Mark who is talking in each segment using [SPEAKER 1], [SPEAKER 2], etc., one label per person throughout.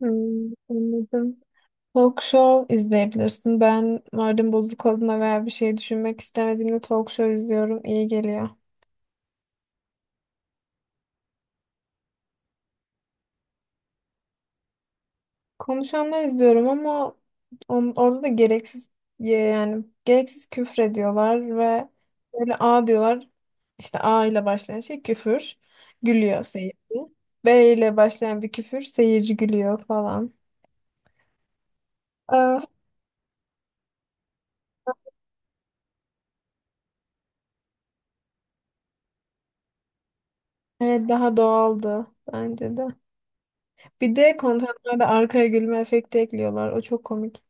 [SPEAKER 1] Anladım. Talk show izleyebilirsin. Ben moralim bozuk olduğunda veya bir şey düşünmek istemediğimde talk show izliyorum. İyi geliyor. Konuşanlar izliyorum ama orada da gereksiz yani gereksiz küfür ediyorlar ve böyle A diyorlar. İşte A ile başlayan şey küfür. Gülüyor seyirci. B ile başlayan bir küfür seyirci gülüyor falan. Ah, evet daha doğaldı bence de. Bir de kontenlarda arkaya gülme efekti ekliyorlar. O çok komik.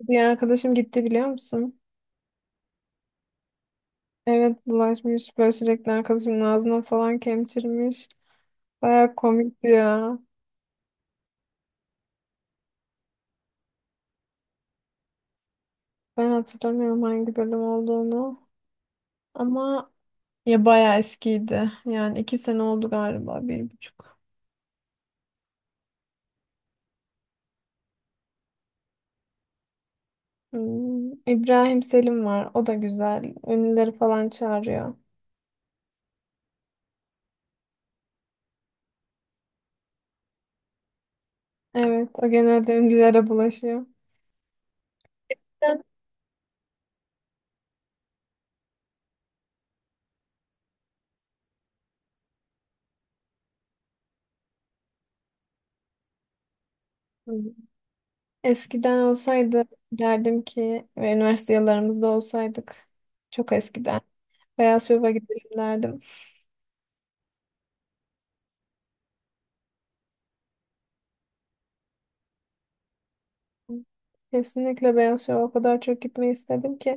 [SPEAKER 1] Bir arkadaşım gitti biliyor musun? Evet bulaşmış böyle sürekli arkadaşımın ağzına falan kemçirmiş. Baya komikti ya. Ben hatırlamıyorum hangi bölüm olduğunu. Ama ya baya eskiydi. Yani 2 sene oldu galiba, bir buçuk. İbrahim Selim var. O da güzel. Ünlüleri falan çağırıyor. Evet o genelde ünlülere bulaşıyor. Evet. Eskiden olsaydı derdim ki, ve üniversite yıllarımızda olsaydık, çok eskiden Beyaz Şov'a gidelim derdim. Kesinlikle Beyaz Şov'a o kadar çok gitmeyi istedim ki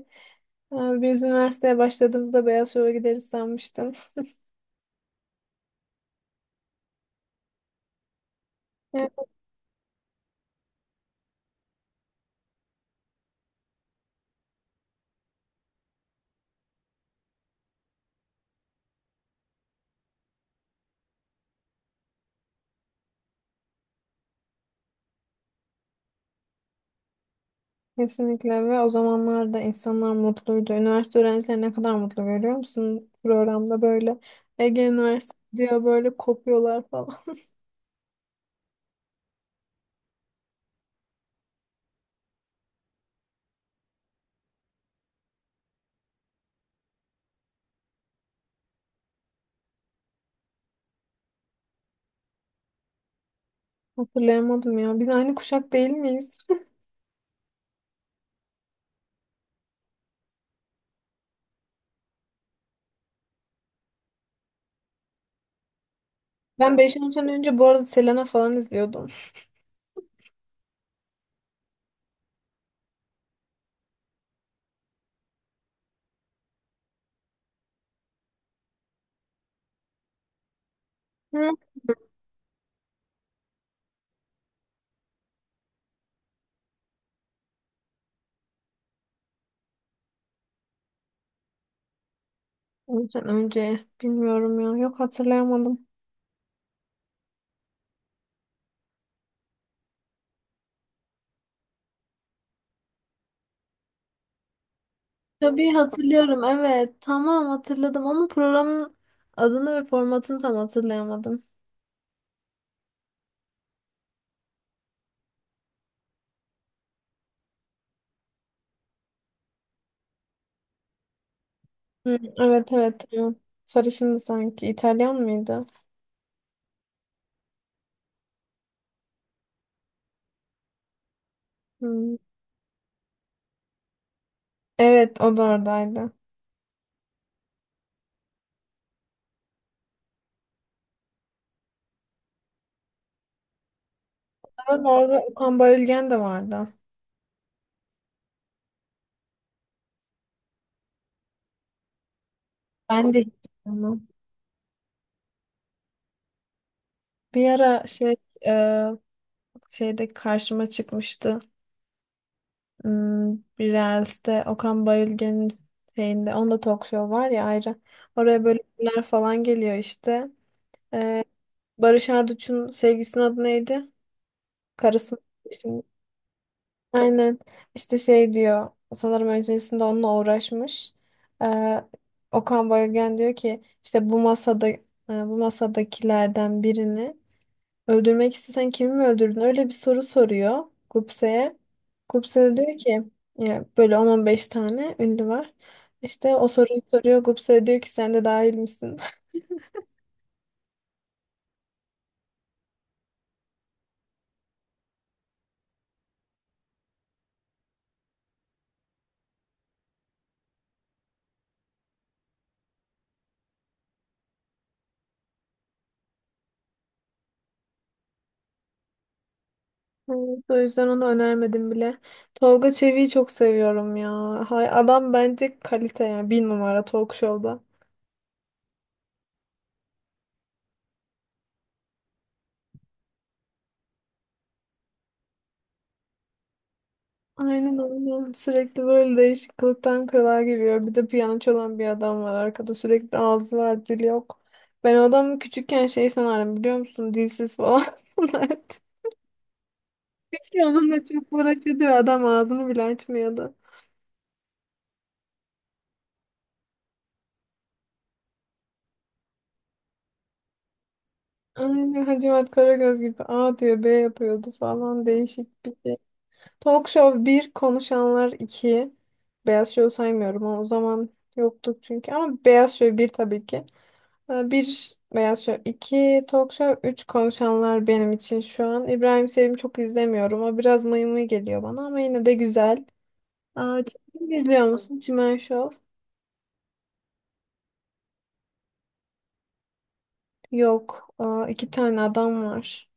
[SPEAKER 1] Biz üniversiteye başladığımızda Beyaz Şov'a gideriz sanmıştım. Evet, kesinlikle ve o zamanlar da insanlar mutluydu. Üniversite öğrencileri ne kadar mutlu görüyor musun programda, böyle Ege Üniversitesi diyor böyle kopuyorlar falan. Hatırlayamadım ya. Biz aynı kuşak değil miyiz? Ben beş 10 sene önce bu arada Selena falan izliyordum. Hı. 10 sene önce bilmiyorum ya. Yok, hatırlayamadım. Tabii hatırlıyorum, evet. Tamam, hatırladım ama programın adını ve formatını tam hatırlayamadım. Hı, evet evet tamam. Sarışındı sanki. İtalyan mıydı? Hı. Evet, o da oradaydı. Ama orada Okan Bayülgen de vardı. Ben de hiç bilmiyorum. Bir ara şey, e, şeyde karşıma çıkmıştı. Biraz da Okan Bayülgen'in şeyinde, onda talk show var ya ayrı. Oraya böyle ünlüler falan geliyor işte. Ee, Barış Arduç'un sevgisinin adı neydi? Karısı mı? Şimdi. Aynen. İşte şey diyor. Sanırım öncesinde onunla uğraşmış. Ee, Okan Bayülgen diyor ki işte, bu masada bu masadakilerden birini öldürmek istesen kimi mi öldürdün? Öyle bir soru soruyor Gupse'ye. Gupse de diyor ki ya böyle 10-15 tane ünlü var. İşte o soruyu soruyor. Gupse de diyor ki sen de dahil misin? Evet, o yüzden onu önermedim bile. Tolga Çevik'i çok seviyorum ya. Hay, adam bence kalite yani. Bir numara talk show'da. Aynen aynen. Sürekli böyle değişik kılıktan kılığa giriyor. Bir de piyano çalan bir adam var arkada. Sürekli ağzı var, dili yok. Ben o adamı küçükken şey sanarım biliyor musun? Dilsiz falan sanarım. Çünkü onunla çok uğraşıyordu ve adam ağzını bile açmıyordu. Aynen Hacivat Karagöz gibi, A diyor B yapıyordu falan, değişik bir şey. Talk Show bir, Konuşanlar 2. Beyaz Show saymıyorum ama o zaman yoktuk çünkü. Ama Beyaz Show bir tabii ki. Bir Beyaz Şov, iki Talk Show, üç Konuşanlar benim için şu an. İbrahim Selim'i çok izlemiyorum. O biraz mıy mıy geliyor bana ama yine de güzel. Aa, Çimen izliyor musun, Çimen Show? Yok. Aa, iki tane adam var.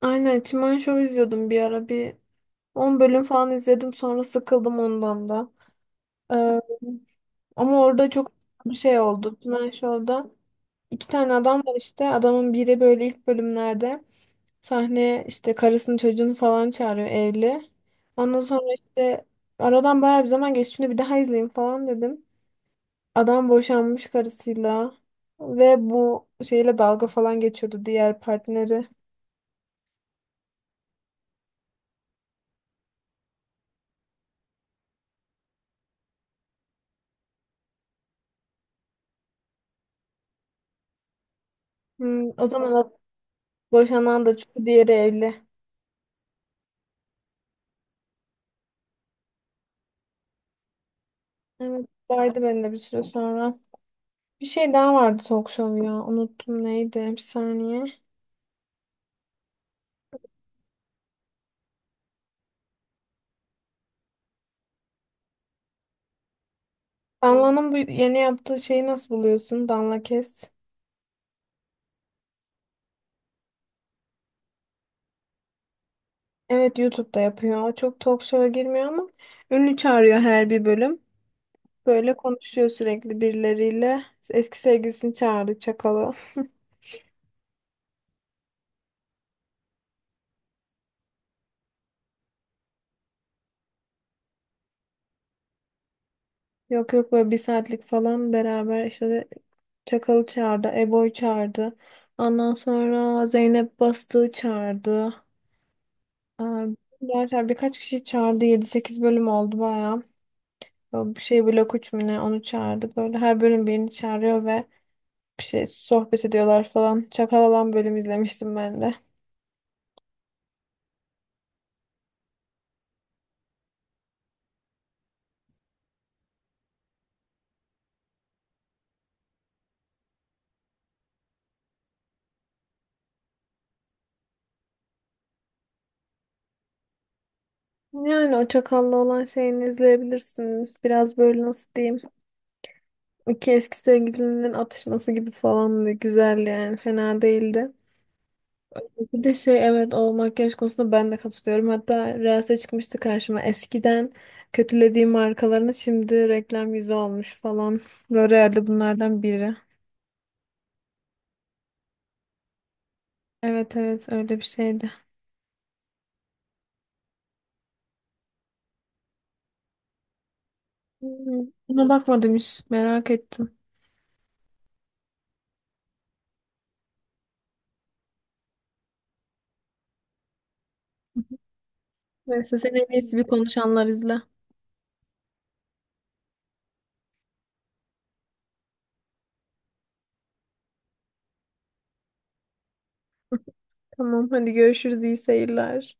[SPEAKER 1] Aynen, Çimen Show izliyordum bir ara. Bir 10 bölüm falan izledim, sonra sıkıldım ondan da. Ee, ama orada çok bir şey oldu. Çimen Show'da iki tane adam var işte. Adamın biri böyle ilk bölümlerde sahneye işte karısını çocuğunu falan çağırıyor, evli. Ondan sonra işte aradan bayağı bir zaman geçti. Şunu bir daha izleyeyim falan dedim. Adam boşanmış karısıyla ve bu şeyle dalga falan geçiyordu, diğer partneri. O zaman o boşanan, da çünkü diğeri evli. Evet, vardı bende bir süre sonra. Bir şey daha vardı talk show ya. Unuttum neydi? Bir saniye. Danla'nın bu yeni yaptığı şeyi nasıl buluyorsun? Danla Kes. Evet, YouTube'da yapıyor. Çok talk show'a girmiyor ama ünlü çağırıyor her bir bölüm. Böyle konuşuyor sürekli birileriyle. Eski sevgilisini çağırdı, Çakal'ı. Yok yok, böyle bir saatlik falan beraber işte de Çakal'ı çağırdı. Ebo'yu çağırdı. Ondan sonra Zeynep Bastık'ı çağırdı. Aa, gerçi birkaç kişi çağırdı. 7-8 bölüm oldu bayağı. Böyle bir şey blok üç mü ne, onu çağırdı. Böyle her bölüm birini çağırıyor ve bir şey sohbet ediyorlar falan. Çakal olan bölüm izlemiştim ben de. Yani o Çakal'la olan şeyini izleyebilirsin. Biraz böyle, nasıl diyeyim, İki eski sevgilinin atışması gibi falan, da güzel yani. Fena değildi. Bir de şey, evet, o makyaj konusunda ben de katılıyorum. Hatta Reels'e çıkmıştı karşıma. Eskiden kötülediğim markalarını şimdi reklam yüzü olmuş falan. L'Oreal'de bunlardan biri. Evet evet öyle bir şeydi. Buna bakmadım hiç. Merak ettim. Neyse, sen en iyisi bir Konuşanlar izle. Tamam, hadi görüşürüz. İyi seyirler.